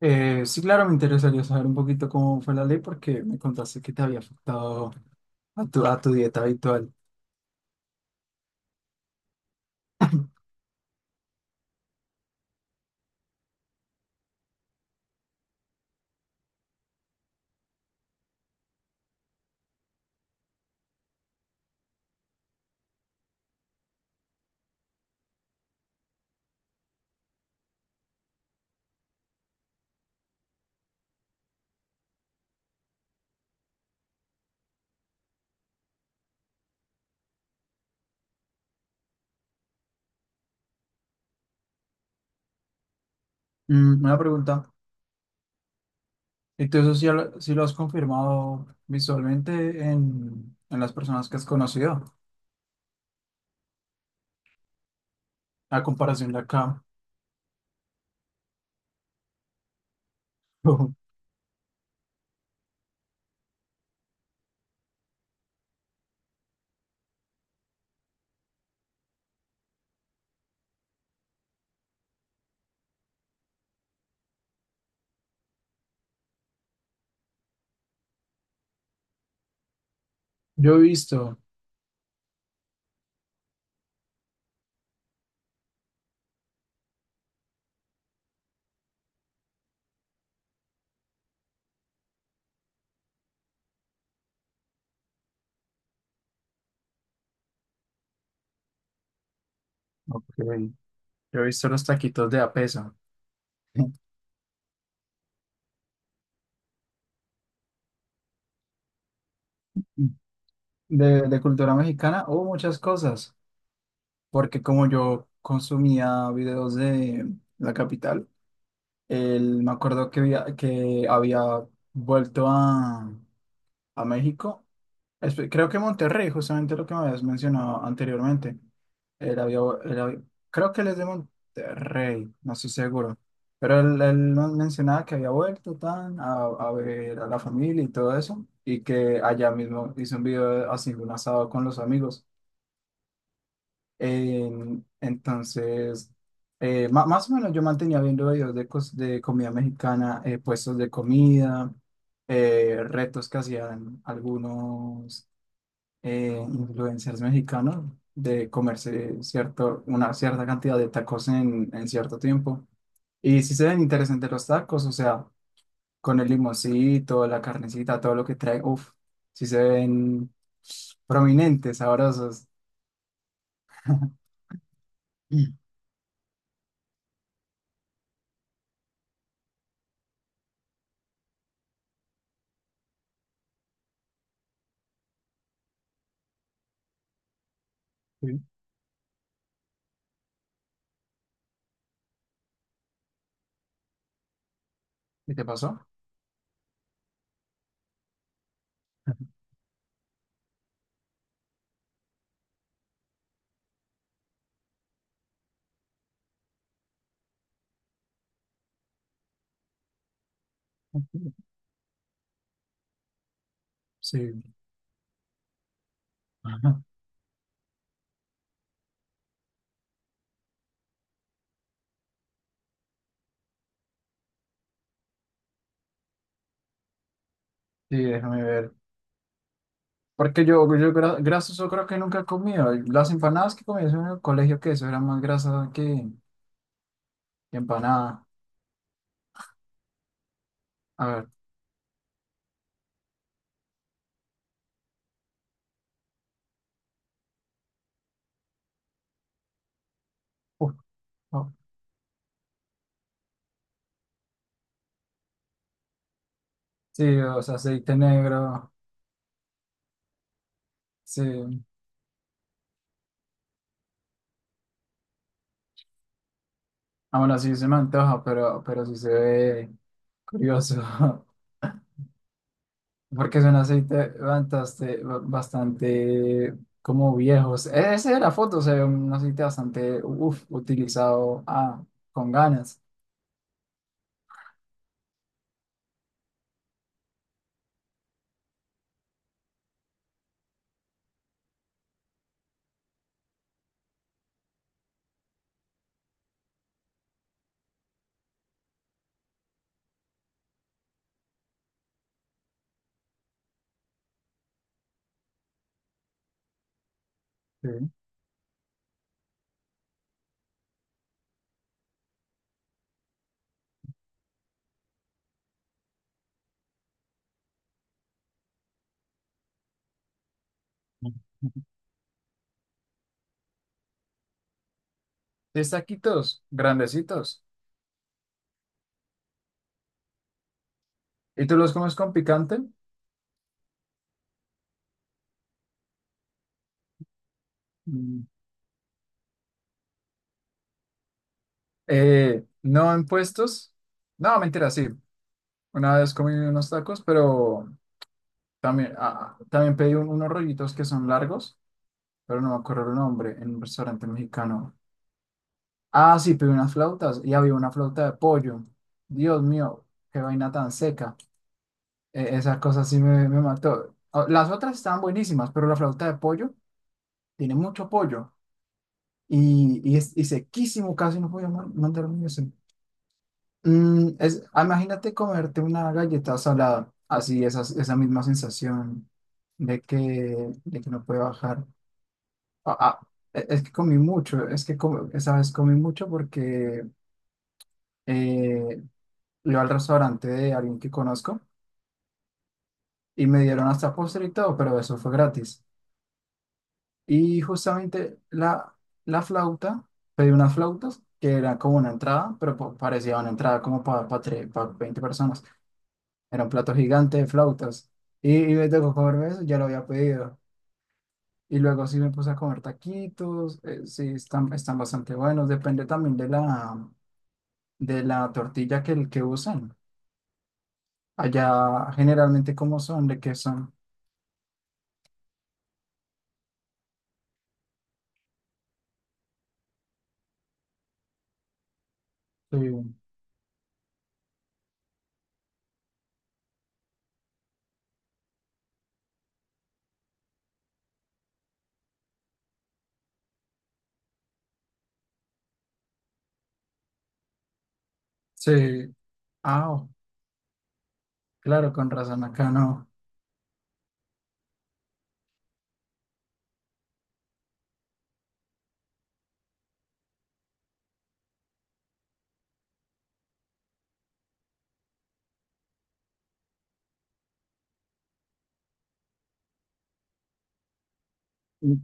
Sí, claro, me interesaría saber un poquito cómo fue la ley porque me contaste que te había afectado a tu dieta habitual. Mm, una pregunta, ¿y tú eso sí lo has confirmado visualmente en las personas que has conocido? A comparación de acá, yo he visto, ok, yo he visto los taquitos de a peso. De cultura mexicana o muchas cosas, porque como yo consumía videos de la capital, me acuerdo que, que había vuelto a México. Creo que Monterrey, justamente lo que me habías mencionado anteriormente. Él había, él había- creo que él es de Monterrey, no estoy seguro. Pero él nos mencionaba que había vuelto tan a ver a la familia y todo eso. Y que allá mismo hizo un video haciendo un asado con los amigos. Eh, entonces, más o menos yo mantenía viendo videos de, de comida mexicana, puestos de comida, retos que hacían algunos influencers mexicanos de una cierta cantidad de tacos en cierto tiempo. Y sí se ven interesantes los tacos, o sea, con el limoncito, la carnecita, todo lo que trae, uff, sí se ven prominentes, sabrosos. Mm. Sí. ¿Y te pasó? Sí, ajá, sí, déjame ver. Porque yo grasas yo creo que nunca he comido. Las empanadas que comí en el colegio, que eso era más grasa que empanada. A ver. Uf, oh. Sí, o sea, aceite negro. Sí. Ah, bueno, sí se me antoja, pero sí se ve curioso. Porque es un aceite bastante, bastante como viejos. Esa es la foto, se ve un aceite bastante, uf, utilizado ah, con ganas. Sí. 10 taquitos grandecitos. ¿Y tú los comes con picante? Mm. No en puestos. No, mentira, sí. Una vez comí unos tacos, pero también, también pedí unos rollitos que son largos, pero no me acuerdo el nombre, en un restaurante mexicano. Ah, sí, pedí unas flautas y había una flauta de pollo. Dios mío, qué vaina tan seca. Esa cosa sí me mató. Ah, las otras estaban buenísimas, pero la flauta de pollo tiene mucho pollo. Y sequísimo, casi no podía mandar un eso. Imagínate comerte una galleta salada, así esa, esa misma sensación de que no puede bajar. Ah, ah, es que comí mucho, esa vez comí mucho porque eh, iba al restaurante de alguien que conozco y me dieron hasta postre y todo, pero eso fue gratis. Y justamente la flauta, pedí unas flautas que era como una entrada, pero parecía una entrada como para 20 personas. Era un plato gigante de flautas. Y me tocó comerme eso, ya lo había pedido. Y luego sí me puse a comer taquitos, están bastante buenos. Depende también de de la tortilla que, el que usen. Allá generalmente cómo son, de qué son. Sí, sí. Ah, oh, claro, con razón, acá no. Y-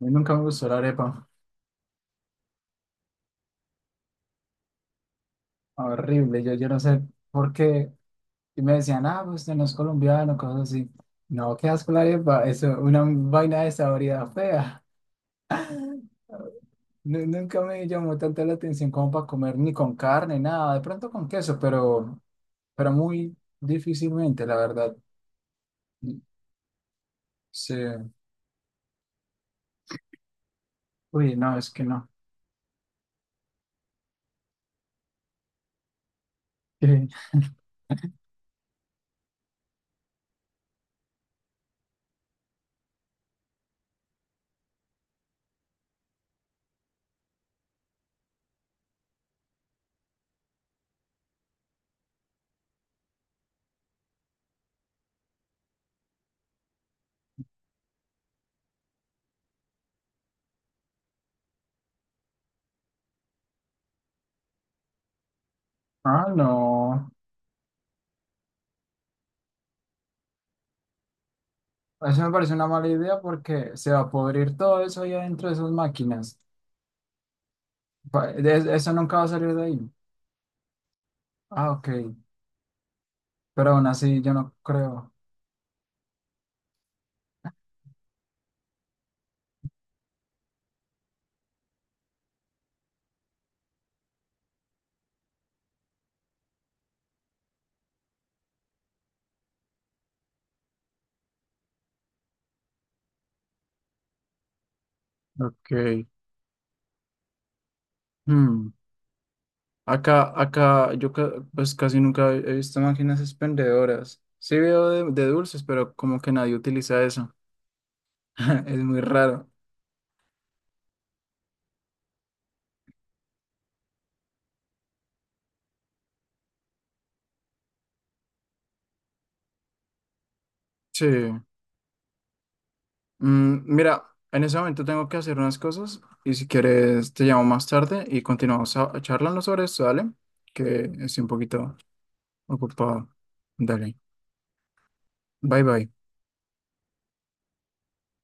Nunca me gustó la arepa. Horrible, yo no sé por qué. Y me decían, ah, pues usted no es colombiano, cosas así. No, qué asco la arepa, eso, una vaina de saboridad fea. Nunca me llamó tanto la atención como para comer ni con carne, nada, de pronto con queso, pero muy difícilmente, la verdad. Sí. Uy, no, es que no. Ah, no. Eso me parece una mala idea porque se va a podrir todo eso ahí adentro de esas máquinas. Eso nunca va a salir de ahí. Ah, ok, pero aún así yo no creo. Ok. Hmm. Acá pues casi nunca he visto máquinas expendedoras. Sí veo de dulces, pero como que nadie utiliza eso. Es muy raro. Sí. Mm, mira, en ese momento tengo que hacer unas cosas y si quieres te llamo más tarde y continuamos charlando sobre esto, ¿vale? Que estoy un poquito ocupado. Dale. Bye bye.